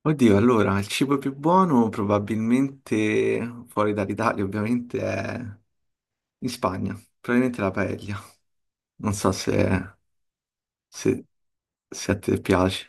Oddio, allora, il cibo più buono probabilmente, fuori dall'Italia ovviamente, è in Spagna, probabilmente la paella. Non so se, se- se a te piace.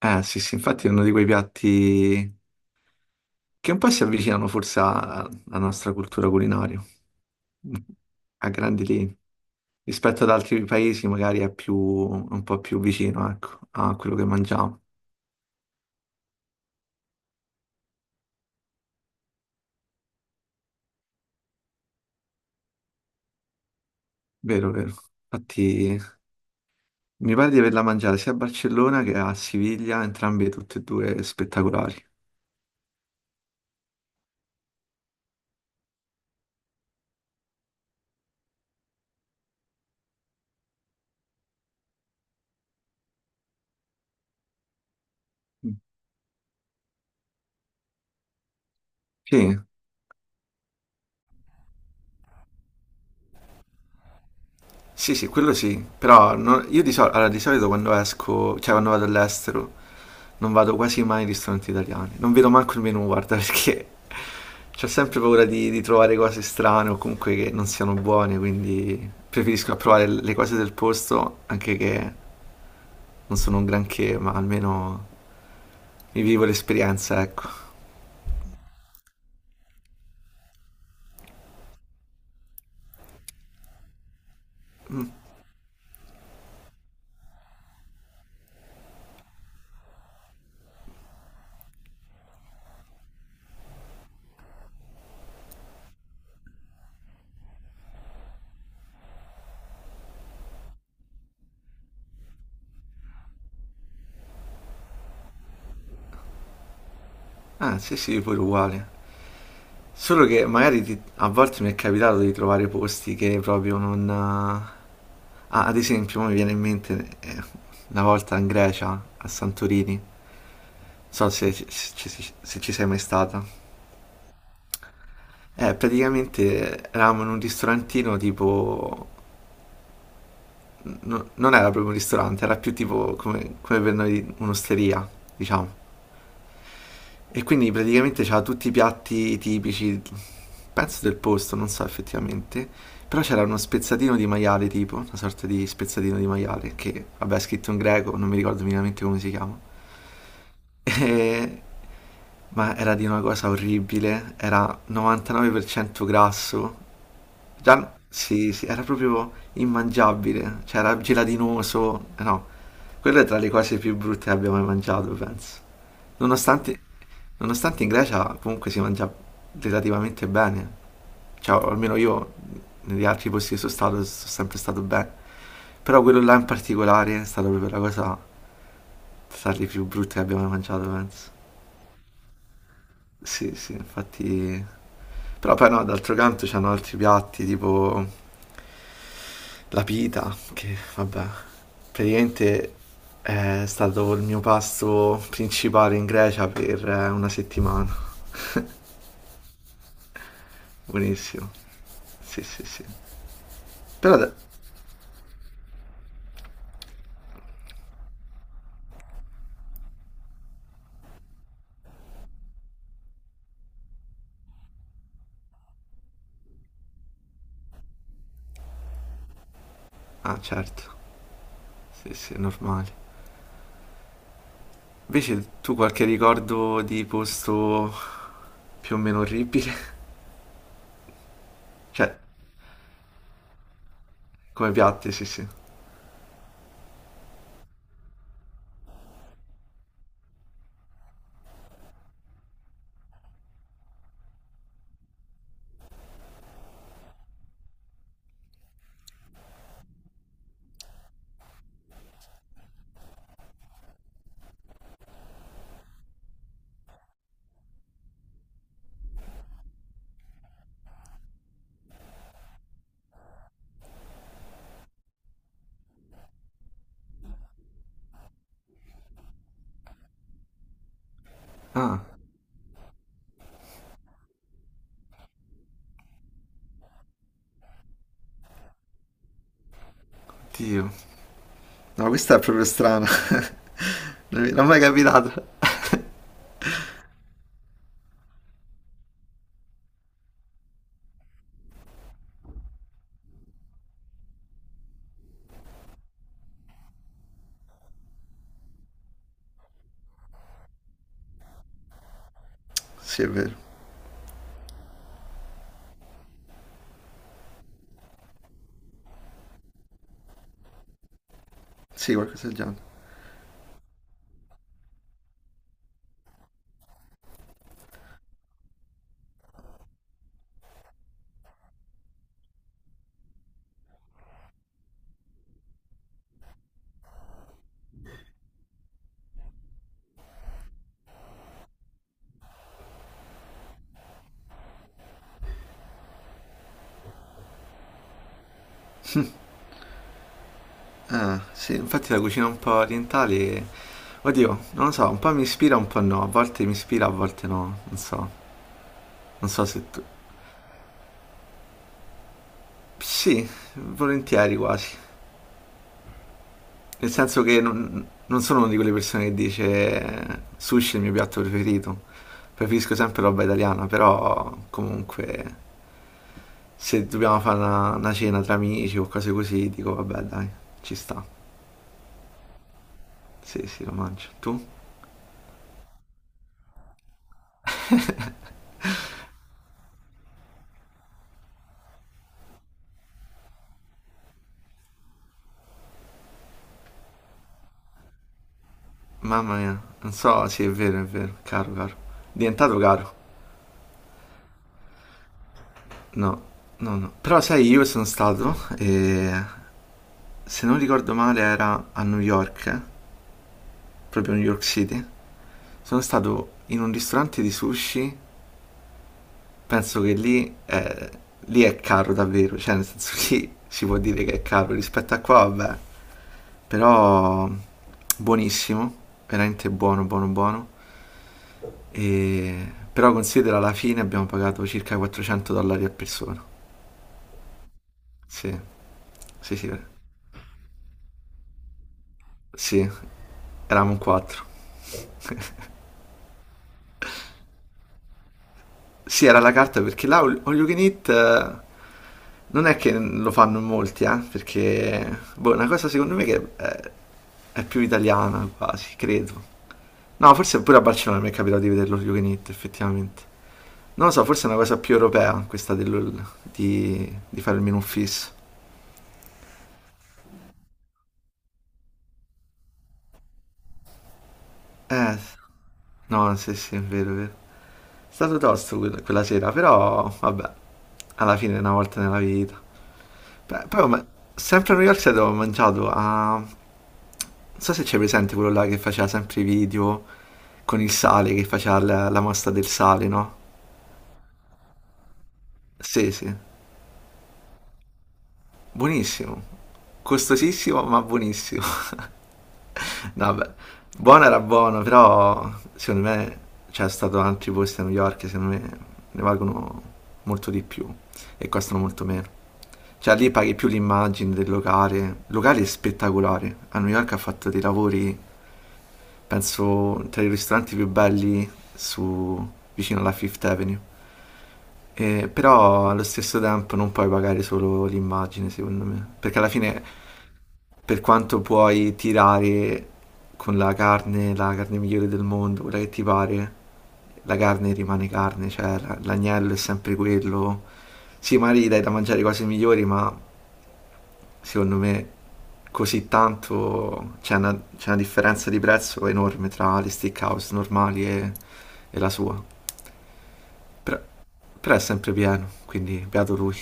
Eh sì, sì, infatti è uno di quei piatti che un po' si avvicinano forse alla nostra cultura culinaria, a grandi linee. Rispetto ad altri paesi magari è più, un po' più vicino, ecco, a quello che mangiamo. Vero, vero. Infatti mi pare di averla mangiata sia a Barcellona che a Siviglia, entrambe tutte e due spettacolari. Mm. Sì, sì, sì, quello sì, però io allora, di solito quando esco, cioè quando vado all'estero, non vado quasi mai in ristoranti italiani, non vedo manco il menù, guarda, perché ho sempre paura di trovare cose strane o comunque che non siano buone, quindi preferisco provare le cose del posto, anche che non sono un granché, ma almeno mi vivo l'esperienza, ecco. Ah, sì, sì, pure uguale. Solo che magari a volte mi è capitato di trovare posti che proprio non... ah, ad esempio, mi viene in mente una volta in Grecia, a Santorini, non so se, ci- se ci se ci sei mai stata. Praticamente eravamo in un ristorantino tipo... non era proprio un ristorante, era più tipo come, come per noi un'osteria, diciamo. E quindi praticamente c'era tutti i piatti tipici, penso del posto, non so effettivamente, però c'era uno spezzatino di maiale tipo, una sorta di spezzatino di maiale, che vabbè è scritto in greco, non mi ricordo minimamente come si chiama, E- ma era di una cosa orribile, era 99% grasso. Già, sì, sì, era proprio immangiabile, cioè era gelatinoso, no, quella è tra le cose più brutte che abbia mai mangiato, penso. Nonostante, nonostante in Grecia comunque si mangia relativamente bene, cioè o almeno io negli altri posti che sono stato sono sempre stato bene, però quello là in particolare è stata proprio la cosa tra le più brutte che abbia mai mangiato, penso. Sì, sì, infatti... Però poi no, d'altro canto c'hanno altri piatti, tipo... La pita, che vabbè, praticamente è stato il mio pasto principale in Grecia per una settimana. Buonissimo. Sì, sì, sì. Però... ade- Ah, certo. Sì, sì, è normale. Invece tu qualche ricordo di posto più o meno orribile? Cioè, come piatti, sì, sì. Ah, Dio. No, questa è proprio strana. Non mi è mai capitato. Sì, è vero. Sì, qualcosa del genere. Ah, sì, infatti la cucina un po' orientale, oddio, non lo so, un po' mi ispira, un po' no, a volte mi ispira, a volte no, non so, non so se tu... Sì, volentieri quasi, nel senso che non sono una di quelle persone che dice sushi è il mio piatto preferito, preferisco sempre roba italiana, però comunque se dobbiamo fare una cena tra amici o cose così, dico vabbè dai, ci sta, sì, sì, lo mangio. Tu? Mamma mia, non so, sì, è vero, caro, caro, diventato caro. No, no, no. Però sai, io sono stato e se non ricordo male era a New York, proprio New York City. Sono stato in un ristorante di sushi, penso che lì è caro davvero, cioè nel senso lì si può dire che è caro rispetto a qua, vabbè. Però buonissimo, veramente buono, buono, buono. E... Però considera alla fine abbiamo pagato circa 400 dollari a persona. Sì, sì, sì, sì, eravamo in quattro. Sì, era la carta perché là All You Can Eat non è che lo fanno in molti, perché boh, è una cosa secondo me che è più italiana quasi, credo. No, forse pure a Barcellona mi è capitato di vederlo All You Can Eat, effettivamente. Non lo so, forse è una cosa più europea questa di fare il menù fisso. Eh, no, sì, sì, è vero, è vero. È stato tosto quella sera, però vabbè, alla fine è una volta nella vita. Beh, però ma- sempre a New York State avevo mangiato a... Non so se c'è presente quello là che faceva sempre i video con il sale, che faceva la mostra del sale, no? Sì, sì. Buonissimo, costosissimo ma buonissimo. No, vabbè, buono era buono, però secondo me c'è stato altri posti a New York, che secondo me ne valgono molto di più e costano molto meno. Cioè lì paghi più l'immagine del locale, il locale è spettacolare, a New York ha fatto dei lavori, penso, tra i ristoranti più belli su, vicino alla Fifth Avenue. Però allo stesso tempo non puoi pagare solo l'immagine, secondo me, perché alla fine, per quanto puoi tirare con la carne migliore del mondo, quella che ti pare, la carne rimane carne, cioè l'agnello è sempre quello. Sì, magari gli dai da mangiare cose migliori, ma secondo me così tanto c'è una differenza di prezzo enorme tra le steakhouse normali e la sua. Però, però è sempre pieno, quindi beato lui.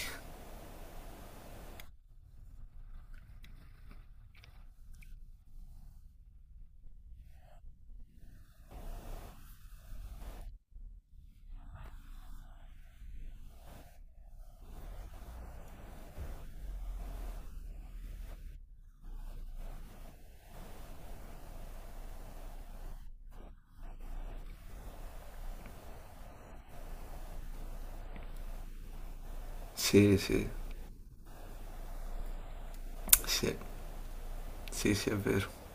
Sì, sì, sì, sì, sì, è vero.